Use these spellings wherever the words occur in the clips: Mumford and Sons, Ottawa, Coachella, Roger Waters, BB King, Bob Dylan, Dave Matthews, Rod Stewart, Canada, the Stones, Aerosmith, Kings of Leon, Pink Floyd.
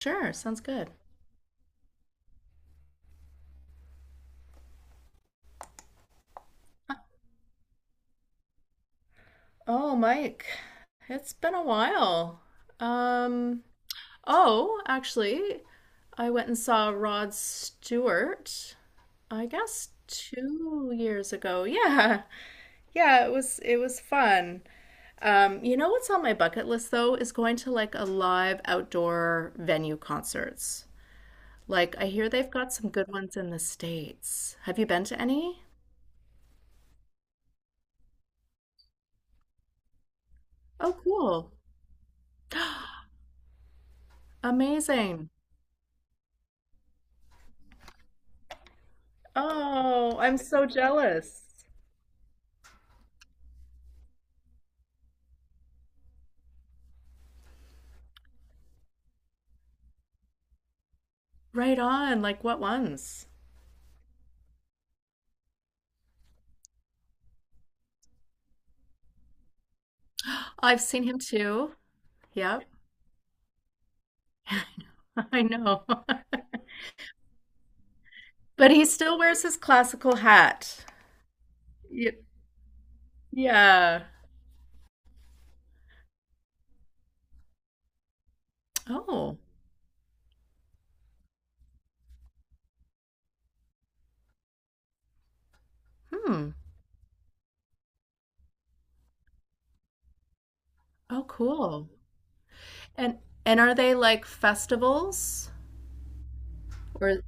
Sure, sounds good. Oh, Mike, it's been a while. Um, oh, actually, I went and saw Rod Stewart, I guess 2 years ago. Yeah. Yeah, it was fun. What's on my bucket list though is going to like a live outdoor venue concerts. Like I hear they've got some good ones in the States. Have you been to any? Oh, cool. Amazing. Oh, I'm so jealous. Right on. Like what ones? I've seen him too. Yep. I know. But he still wears his classical hat. Y- Yeah. Oh. Hmm. Oh, cool. And and are they like festivals? Or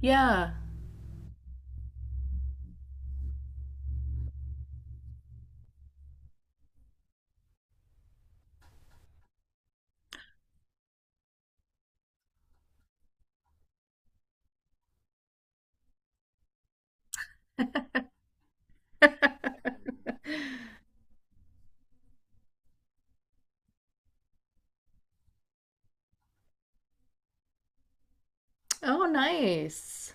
yeah. Oh, nice.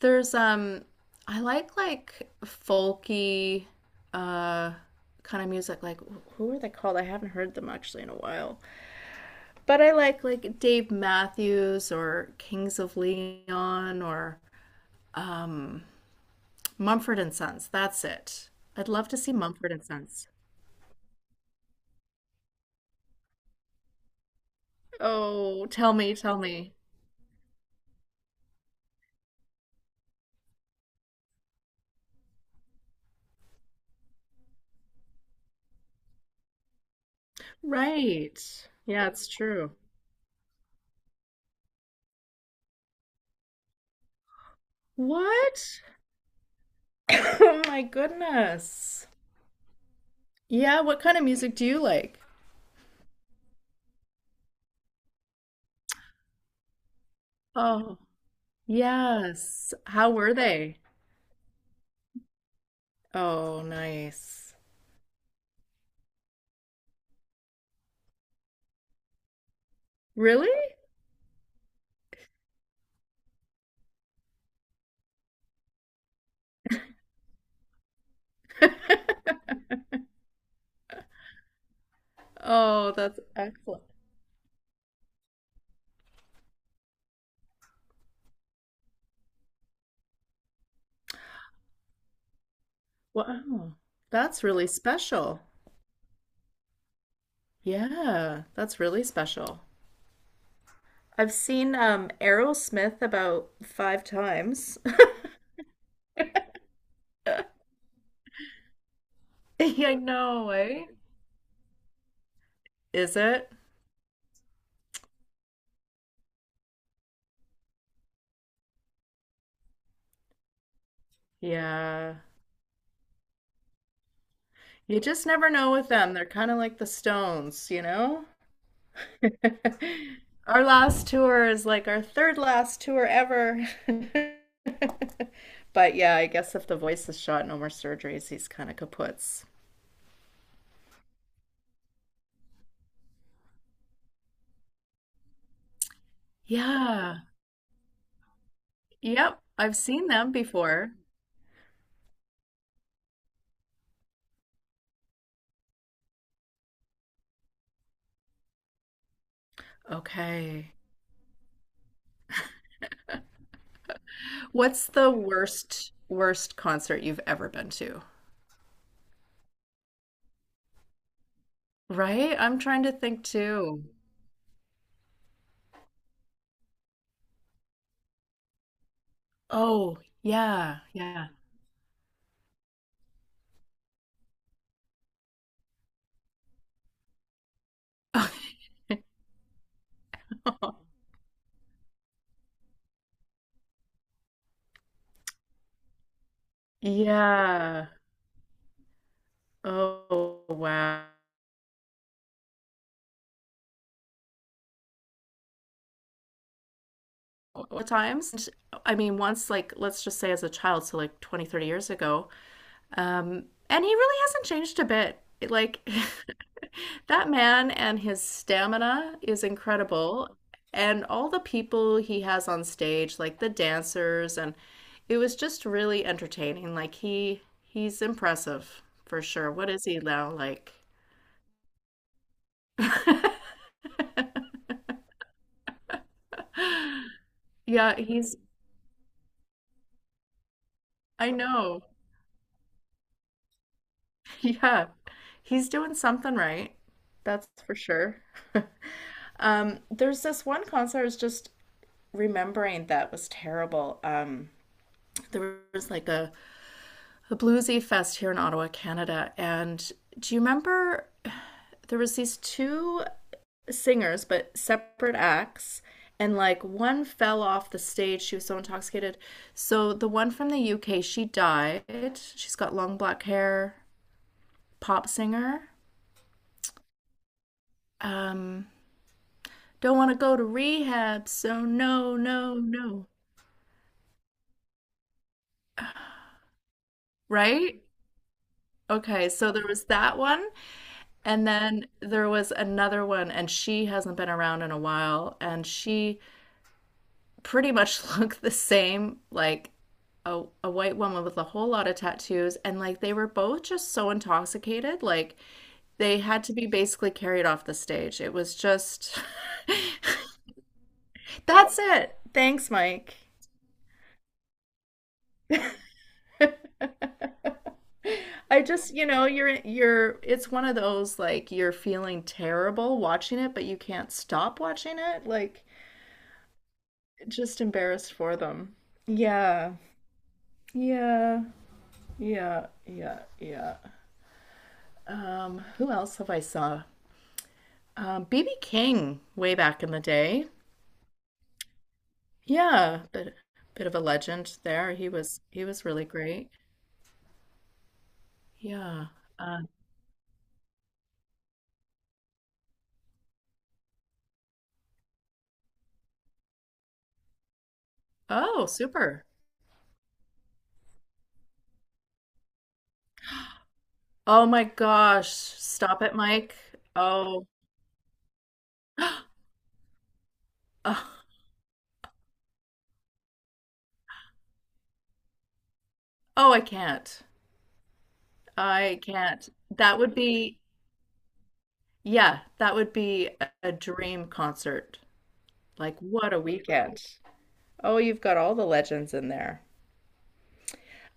There's I like folky uh kind of music like who are they called? I haven't heard them actually in a while. But I like Dave Matthews or Kings of Leon or um Mumford and Sons. That's it. I'd love to see Mumford and Sons. Oh, tell me, tell me. Right. Yeah, it's true. What? Oh my goodness. Yeah, what kind of music do you like? Oh. Yes. How were they? Oh, nice. Really? Oh, that's excellent. Wow. That's really special. Yeah, that's really special. I've seen Aerosmith about 5 times. Yeah, I know, eh? Is it? Yeah. You just never know with them. They're kind of like the Stones, you know? Our last tour is like our third last tour ever. But yeah, I guess if the voice is shot, no more surgeries, he's kind of kaputs. Yeah. Yep. I've seen them before. Okay. What's the worst concert you've ever been to? Right? I'm trying to think too. Oh, yeah. Yeah. Yeah. Oh, wow. times. I mean, once, like, let's just say as a child, so like 20, 30 years ago. And he really hasn't changed a bit. Like that man and his stamina is incredible. And all the people he has on stage, like the dancers, and it was just really entertaining. Like he he's impressive for sure. What is he now like? Yeah, he's I know. Yeah. He's doing something right. That's for sure. There's this one concert is just remembering that was terrible. There was like a bluesy fest here in Ottawa, Canada. And do you remember there was these two singers, but separate acts, and like one fell off the stage. She was so intoxicated. So the one from the UK, she died. She's got long black hair, pop singer. Um, don't want to go to rehab, so no, no, no. Right? Okay, so there was that one. And then there was another one, and she hasn't been around in a while, and she pretty much looked the same, like a white woman with a whole lot of tattoos. And like they were both just so intoxicated, like they had to be basically carried off the stage. It was just, that's it. Thanks, Mike. I just, you know, you're it's one of those like you're feeling terrible watching it, but you can't stop watching it. Like just embarrassed for them. Yeah. Yeah, yeah, yeah, yeah. Who else have I saw? BB King way back in the day. Yeah, bit bit of a legend there. He was really great. Yeah. Uh, oh, super. Oh my gosh, stop it, Mike. Oh, oh, oh, I can't. I can't. That would be, yeah, that would be a dream concert. Like, what a weekend. Oh, you've got all the legends in there.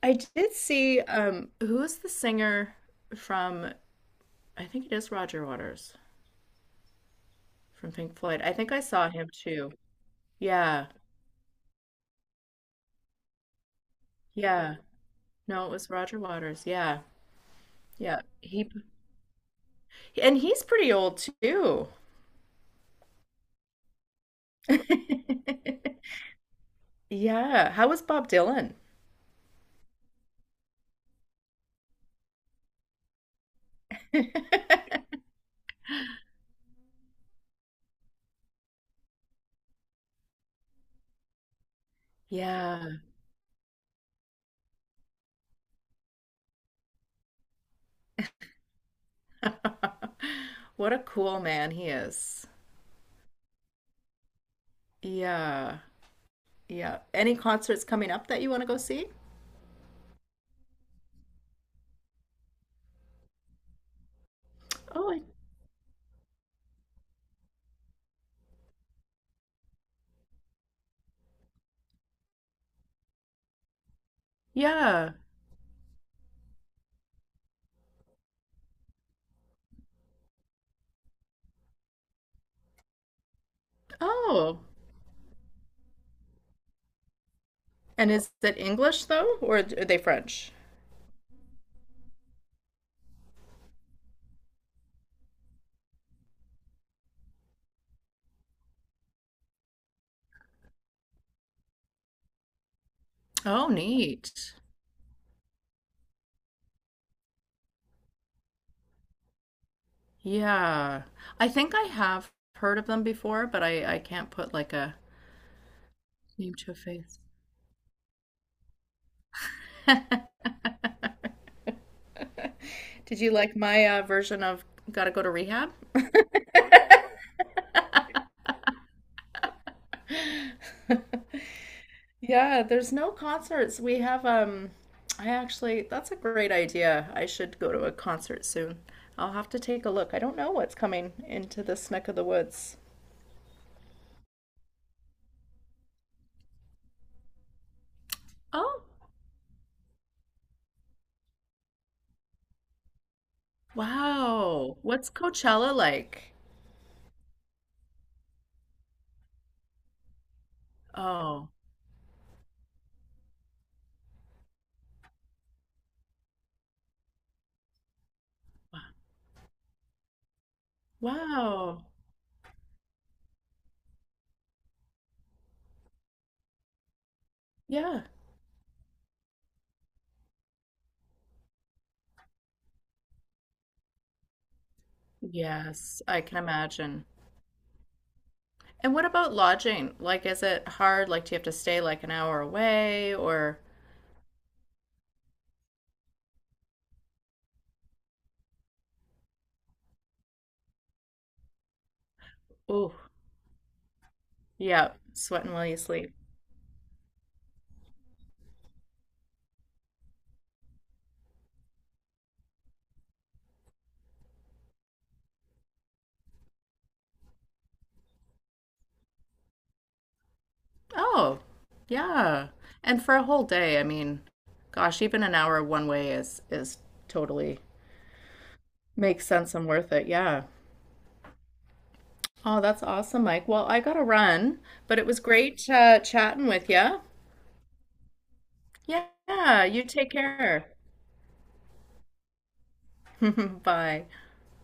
I did see who is the singer from I think it is Roger Waters from Pink Floyd. I think I saw him too. Yeah. Yeah. No, it was Roger Waters. Yeah. Yeah. He and he's pretty old too. Yeah. How was Bob Dylan? Yeah. What a cool man he is. Yeah. Yeah. Any concerts coming up that you want to go see? Oh, I- yeah. Oh. And is it English though, or are they French? Oh, neat. Yeah. I think I have heard of them before, but I can't put like a name to a face. Did you like my version of Gotta Go to Rehab? Yeah, there's no concerts. We have I actually that's a great idea. I should go to a concert soon. I'll have to take a look. I don't know what's coming into this neck of the woods. Oh, wow. What's Coachella like? Oh, wow. Yeah. Yes, I can imagine. And what about lodging? Like, is it hard? Like, do you have to stay like an hour away or, ooh, yeah, sweating while you sleep. Oh, yeah. And for a whole day, I mean, gosh, even an hour one way is totally makes sense and worth it. Yeah. Oh, that's awesome, Mike. Well, I gotta run, but it was great chatting with you. Yeah, you take care. Bye.